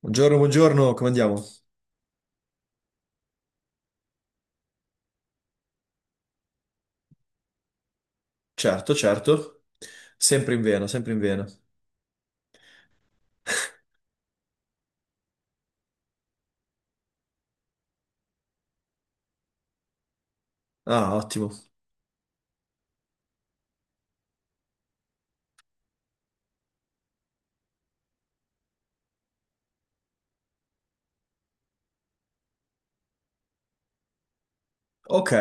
Buongiorno, buongiorno, come andiamo? Certo, certo, sempre in vena, sempre in vena. Ah, ottimo. Ok,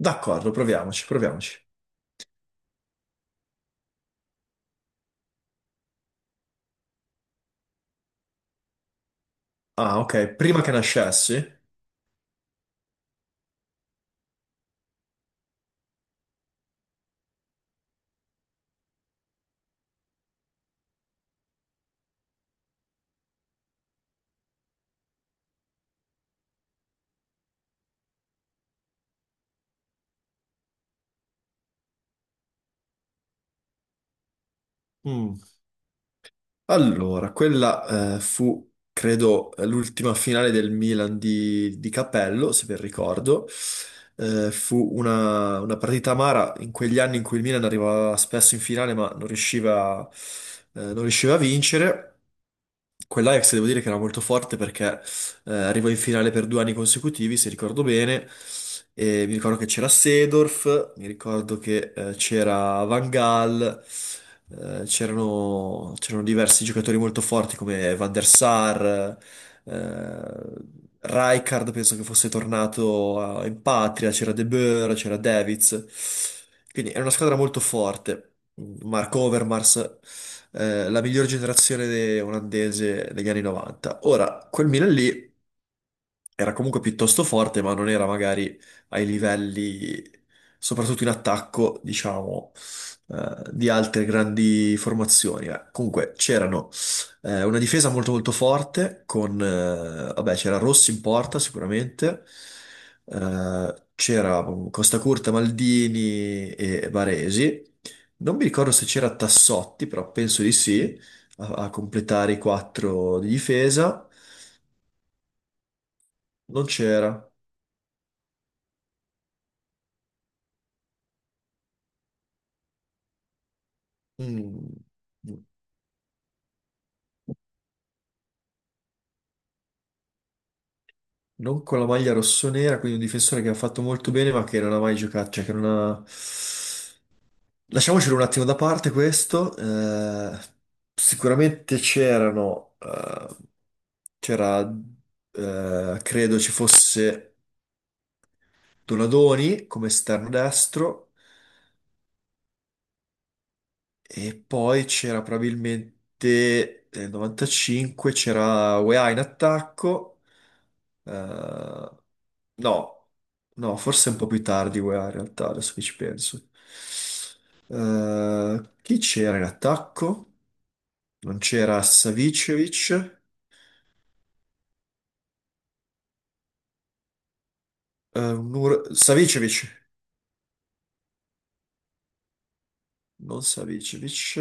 d'accordo, proviamoci, proviamoci. Ah, ok, prima che nascessi. Mm. Allora, quella fu, credo, l'ultima finale del Milan di Cappello, se ben ricordo. Fu una partita amara in quegli anni in cui il Milan arrivava spesso in finale, ma non riusciva a vincere. Quell'Ajax devo dire che era molto forte, perché arrivò in finale per 2 anni consecutivi, se ricordo bene. E mi ricordo che c'era Seedorf, mi ricordo che c'era Van Gaal, c'erano diversi giocatori molto forti come Van der Sar. eh, Rijkaard penso che fosse tornato in patria, c'era De Boer, c'era Davids. Quindi era una squadra molto forte. Mark Overmars, la miglior generazione olandese degli anni 90. Ora, quel Milan lì quindi era comunque piuttosto forte, ma non era magari ai livelli, soprattutto in attacco, diciamo, di altre grandi formazioni. Comunque c'erano una difesa molto molto forte con, vabbè, c'era Rossi in porta sicuramente. C'era Costa Curta, Maldini e Baresi. Non mi ricordo se c'era Tassotti, però penso di sì, a completare i quattro di difesa. Non c'era. Mm. Non con la maglia rossonera, quindi un difensore che ha fatto molto bene, ma che non ha mai giocato, cioè che non ha... Lasciamocelo un attimo da parte questo. Sicuramente c'erano... c'era... credo ci fosse Donadoni come esterno destro, e poi c'era probabilmente nel 95 c'era Weah in attacco. Eh, no, no, forse un po' più tardi UEA in realtà, adesso che ci penso. Chi c'era in attacco? Non c'era Savicevic. Savicevic, non Savicevic.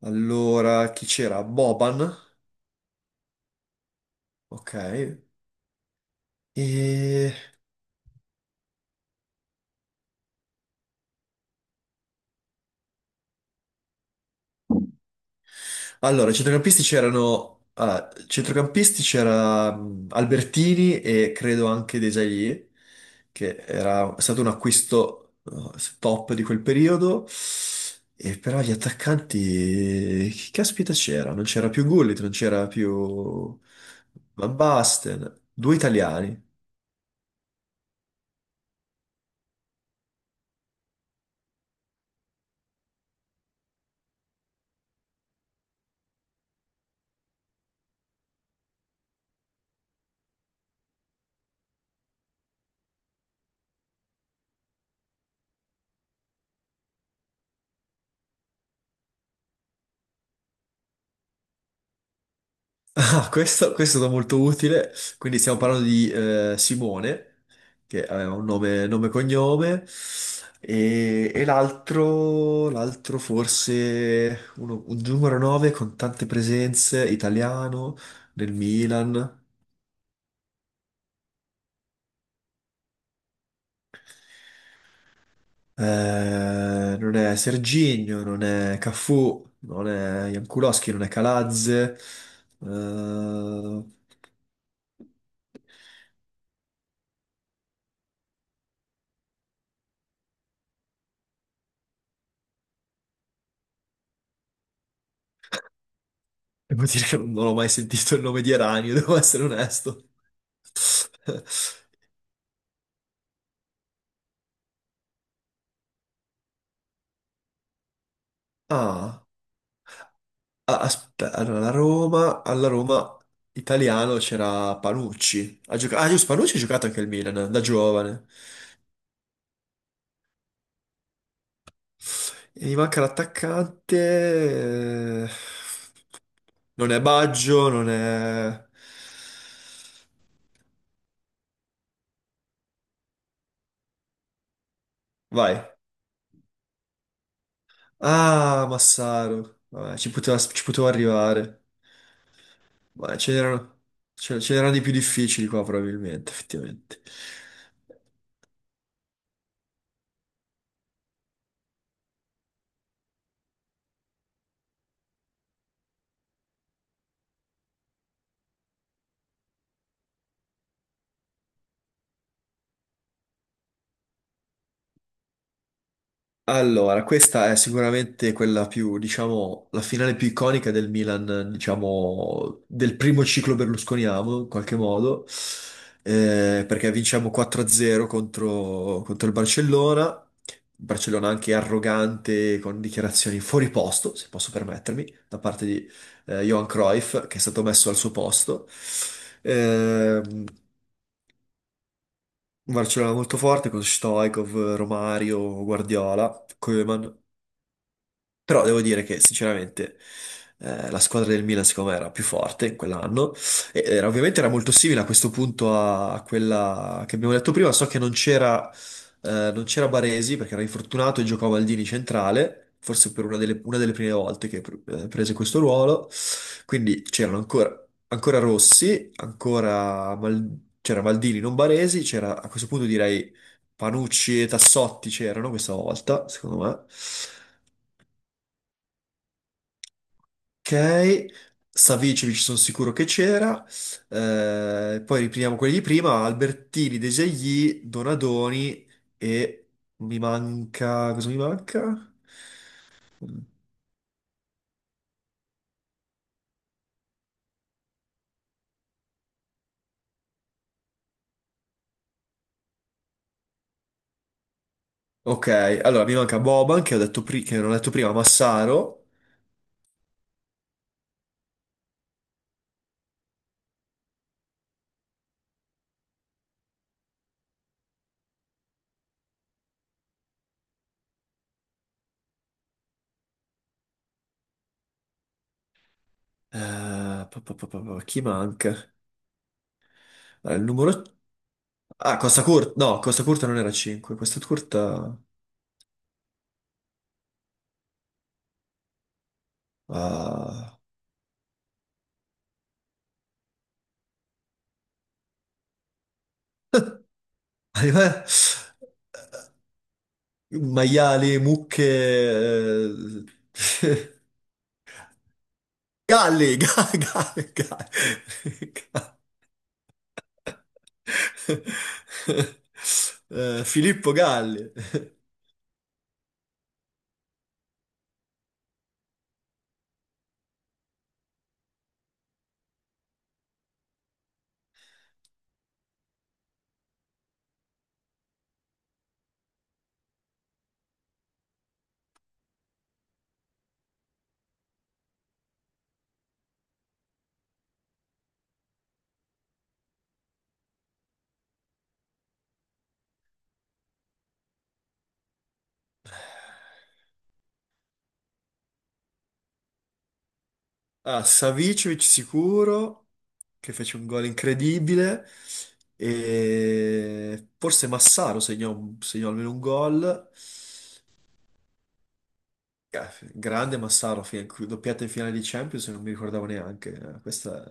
Allora, chi c'era? Boban, ok. E... Allora, i centrocampisti c'erano... ah, centrocampisti c'era Albertini e credo anche Desailly, che era stato un acquisto top di quel periodo. E però gli attaccanti... Chi caspita c'era? Non c'era più Gullit, non c'era più Van Basten. Due italiani. Ah, questo è stato molto utile. Quindi stiamo parlando di Simone, che aveva un nome, nome e cognome, e l'altro forse un numero 9 con tante presenze, italiano, nel Milan. Non è Serginho, non è Cafu, non è Jankulowski, non è Calazze. eh, Devo dire che non ho mai sentito il nome di Eranio, devo essere onesto. Ah, aspetta, allora, alla Roma italiano c'era Panucci. Ah, giusto, Panucci ha giocato anche il Milan, da giovane. E mi manca l'attaccante. Non è Baggio, non è... Vai. Ah, Massaro. Vabbè, ci potevo arrivare. Ma ce n'erano di più difficili qua, probabilmente, effettivamente. Allora, questa è sicuramente quella più, diciamo, la finale più iconica del Milan, diciamo, del primo ciclo berlusconiano, in qualche modo, perché vinciamo 4-0 contro il Barcellona. Barcellona anche arrogante, con dichiarazioni fuori posto, se posso permettermi, da parte di Johan Cruyff, che è stato messo al suo posto. Ehm Barcellona molto forte con Stoichkov, Romario, Guardiola, Koeman. Però devo dire che sinceramente la squadra del Milan secondo me era più forte in quell'anno, e ovviamente era molto simile a questo punto a quella che abbiamo detto prima. So che non c'era Baresi perché era infortunato e giocò Maldini centrale, forse per una delle prime volte che prese questo ruolo. Quindi c'erano ancora Rossi, ancora c'era Maldini, non Baresi, c'era a questo punto direi Panucci, e Tassotti c'erano questa volta, secondo me. Ok, Savicevic sono sicuro che c'era. Poi riprendiamo quelli di prima, Albertini, Desegni, Donadoni, e mi manca... cosa mi manca? Ok, allora mi manca Boban, che ho detto che non ho detto prima, Massaro. Eh, Chi manca? Allora, il numero... Ah, Costa Curta, no, Costa Curta non era 5, Costa Curta... ah, Maiali, mucche... eh, Galli, Galli, Galli, Galli. Filippo Galli. Ah, Savicevic sicuro, che fece un gol incredibile. E forse Massaro segnò, segnò almeno un gol. Eh, Grande Massaro, doppiata in finale di Champions, non mi ricordavo neanche. Questa,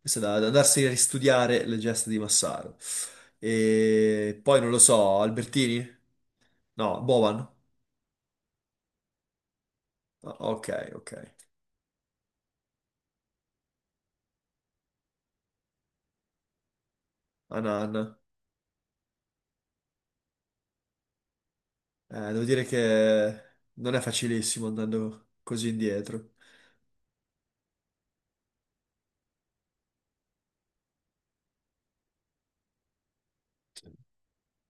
questa è da andarsi a ristudiare le gesta di Massaro. E poi non lo so, Albertini? No, Bovan? Ah, ok, ok. Anan. Devo dire che non è facilissimo andando così indietro.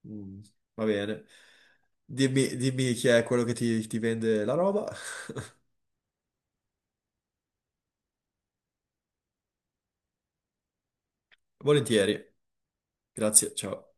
Mm, va bene. Dimmi, dimmi chi è quello che ti vende la roba. Volentieri. Grazie, ciao.